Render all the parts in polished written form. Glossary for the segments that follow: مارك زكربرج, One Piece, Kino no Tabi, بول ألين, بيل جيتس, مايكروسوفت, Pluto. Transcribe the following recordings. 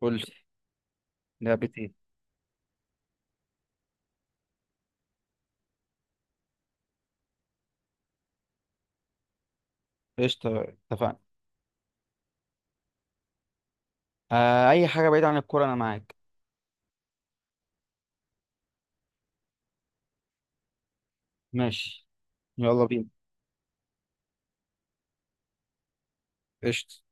قول لي. لعبتين. قشطة. اتفقنا. أي حاجة بعيدة عن الكورة، أنا معاك. ماشي، يلا بينا. قشطة.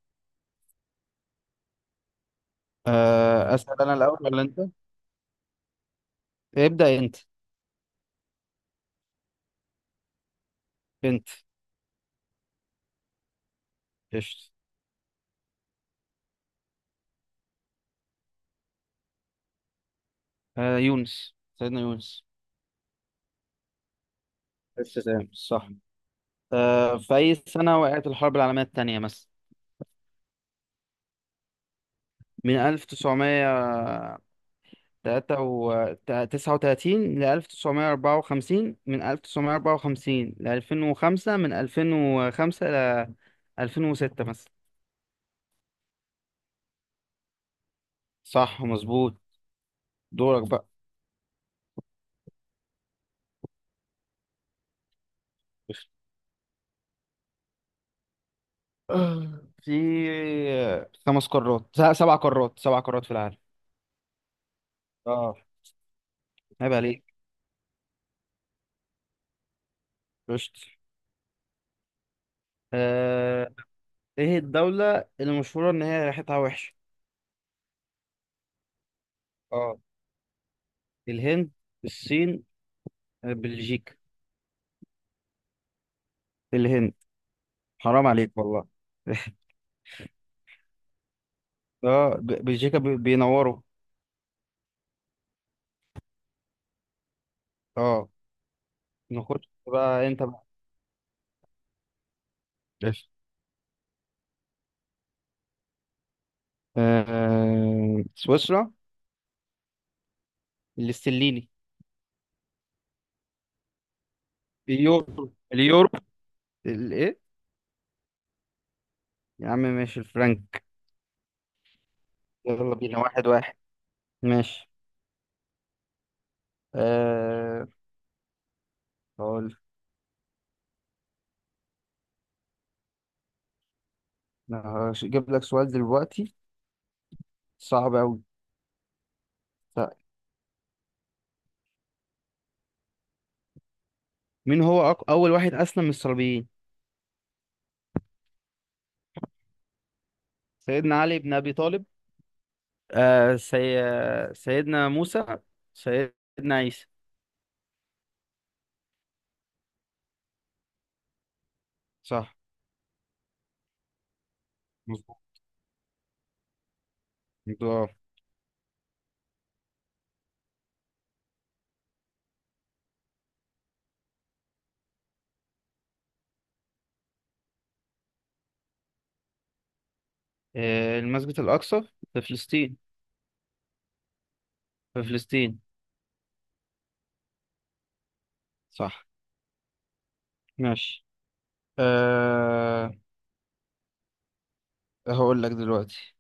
أسأل أنا الأول ولا أنت؟ ابدأ أنت. أنت. قشطة. آه يونس سيدنا يونس. قشطة، تمام، صح. في أي سنة وقعت الحرب العالمية التانية مثلا؟ من 1939 ل 1954، من 1954 ل 2005، من 2005 ل 2006 مثلا. صح مظبوط. دورك بقى. في سبع قارات، سبع قارات في العالم. اه. عيب عليك. رشت. آه... ايه الدولة اللي مشهورة ان هي ريحتها وحشة؟ اه. الهند، الصين، بلجيكا. الهند. حرام عليك والله. بلجيكا بينوروا. اه، نخش بقى انت بقى. ايش؟ سويسرا. الاستليني. اليورو، اليورو. الايه؟ يا عم ماشي الفرنك. يلا بينا، واحد واحد. ماشي. أه هقول. أنا هجيب لك سؤال دلوقتي صعب أوي. لا، مين هو أول واحد أسلم من الصليبيين؟ سيدنا علي بن أبي طالب، آه سي... سيدنا موسى، سيدنا عيسى. صح مظبوط. مظبوط. المسجد الأقصى في فلسطين. في فلسطين. صح. ماشي. أه هقول لك دلوقتي.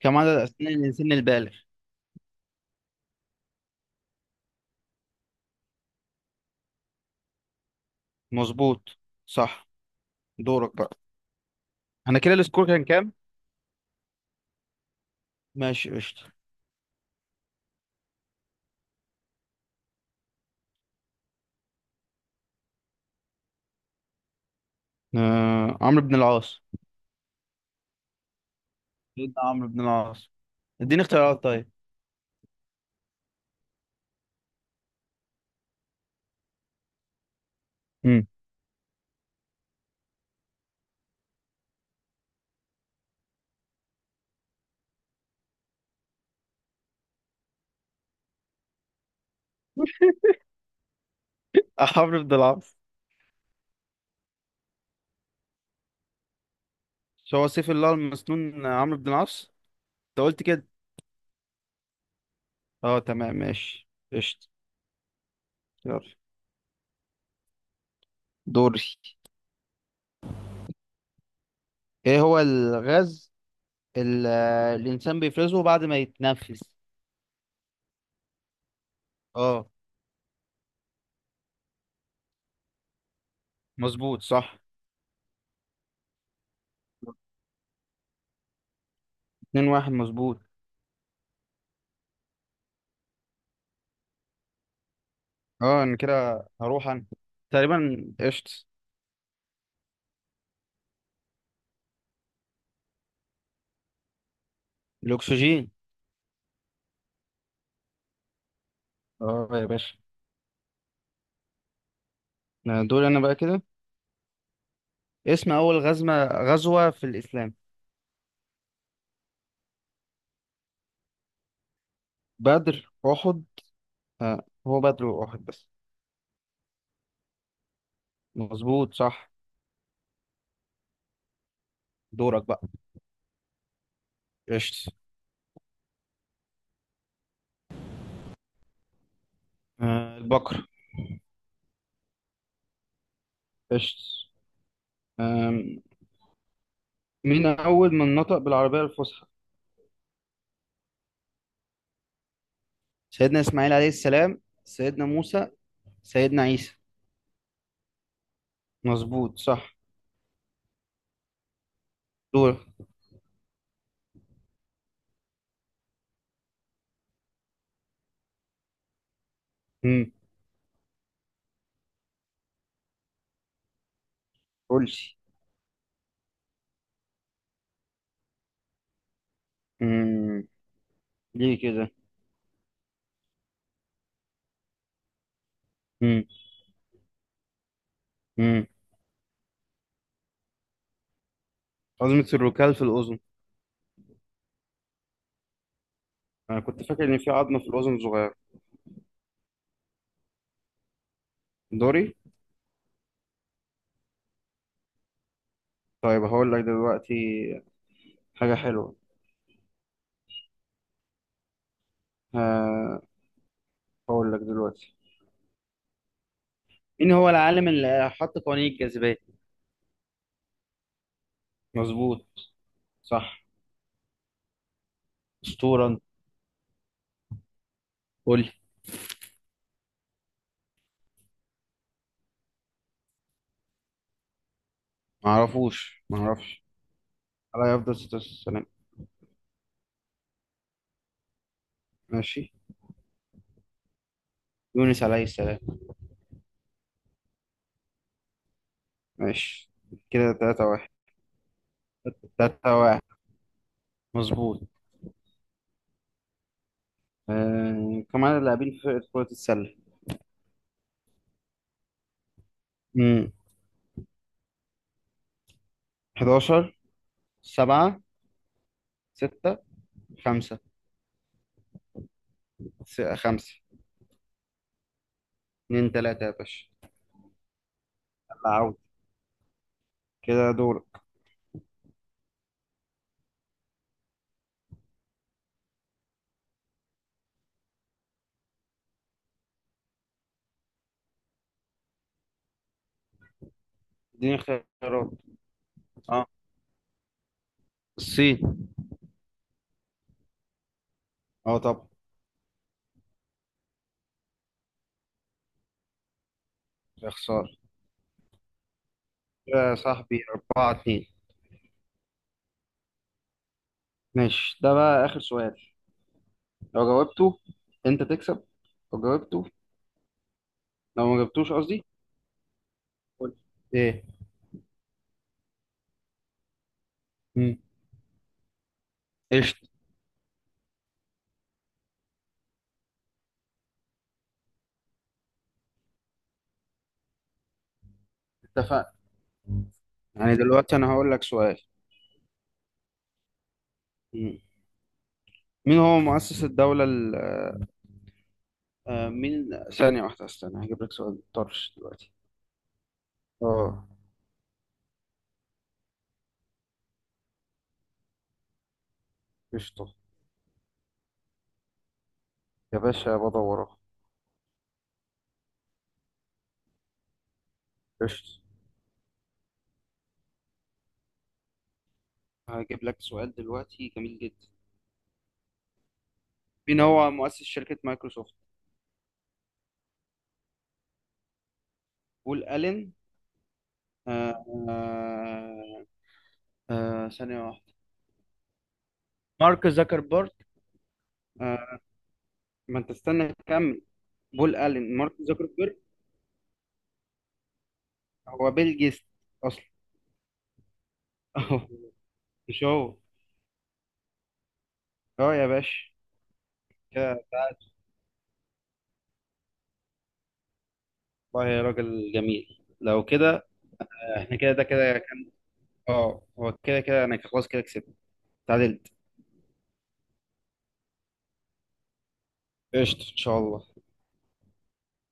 كم عدد أسنان الإنسان البالغ؟ مظبوط صح. دورك بقى. أنا كده السكور كان كام؟ ماشي قشطة. عمرو بن العاص. سيدنا عمرو بن العاص. اديني اختيارات طيب. امم عمرو بن العاص. مش هو سيف الله المسنون عمرو بن العاص؟ انت قلت كده. اه تمام، ماشي قشطة. يلا دوري. ايه هو الغاز اللي الانسان بيفرزه بعد ما يتنفس؟ اه. مظبوط صح. اتنين واحد، مظبوط. اه، انا كده هروح انا تقريبا، قشطة. الاكسجين. اه يا باشا. دوري انا بقى كده. اسم اول غزوة في الاسلام؟ بدر، أحد. هو بدر وأحد بس. مظبوط صح. دورك بقى. قشط. البقرة. قشط. آم، مين أول من نطق بالعربية الفصحى؟ سيدنا إسماعيل عليه السلام، سيدنا موسى، سيدنا عيسى. مظبوط صح. دور. مم. قلتي. مم. ليه كده؟ مم. مم. عظمة الركال في الأذن. أنا كنت فاكر إن في عظمة في الأذن صغيرة. دوري؟ طيب هقول لك دلوقتي حاجة حلوة. ه- هقول لك دلوقتي. مين هو العالم اللي حط قوانين الجاذبية؟ مظبوط صح. أسطورة أنت. قول لي. معرفش. عليه أفضل الصلاة والسلام. ماشي. يونس عليه السلام. ماشي كده تلاتة واحد. تلاتة واحد، مظبوط. كم عدد اللاعبين في فرقة كرة السلة؟ مم. 11، 7، 6، 5، 5. 2 3 يا باشا. يلا عود. كده دورك. اديني اختيارات. اه، الصين. اه طبعا. يا خسارة. يا صاحبي. 4 2. ماشي، ده بقى آخر سؤال. لو جاوبته أنت تكسب. لو جاوبته، لو ما جاوبتوش قصدي. قول إيه. مم. قشطة. اتفقنا. يعني دلوقتي أنا هقول لك سؤال. مم. مين هو مؤسس الدولة ال آه، آه، مين؟ ثانية واحدة استنى، هجيب لك سؤال طرش دلوقتي. اه. قشطة. يا باشا بدور اهو. قشطة. هجيب لك سؤال دلوقتي جميل جدا. مين هو مؤسس شركة مايكروسوفت؟ بول ألين، آه آه ثانية واحدة. مارك زكربرج. ما انت استنى كمل. بول الين، مارك زوكربيرج، هو بيل جيتس اصلا. اهو، مش هو. اه يا باشا. كده والله يا راجل جميل لو كده. احنا كده، ده كده كان. اه هو كده كده انا خلاص كده كسبت. تعادلت. قشطة ان شاء الله.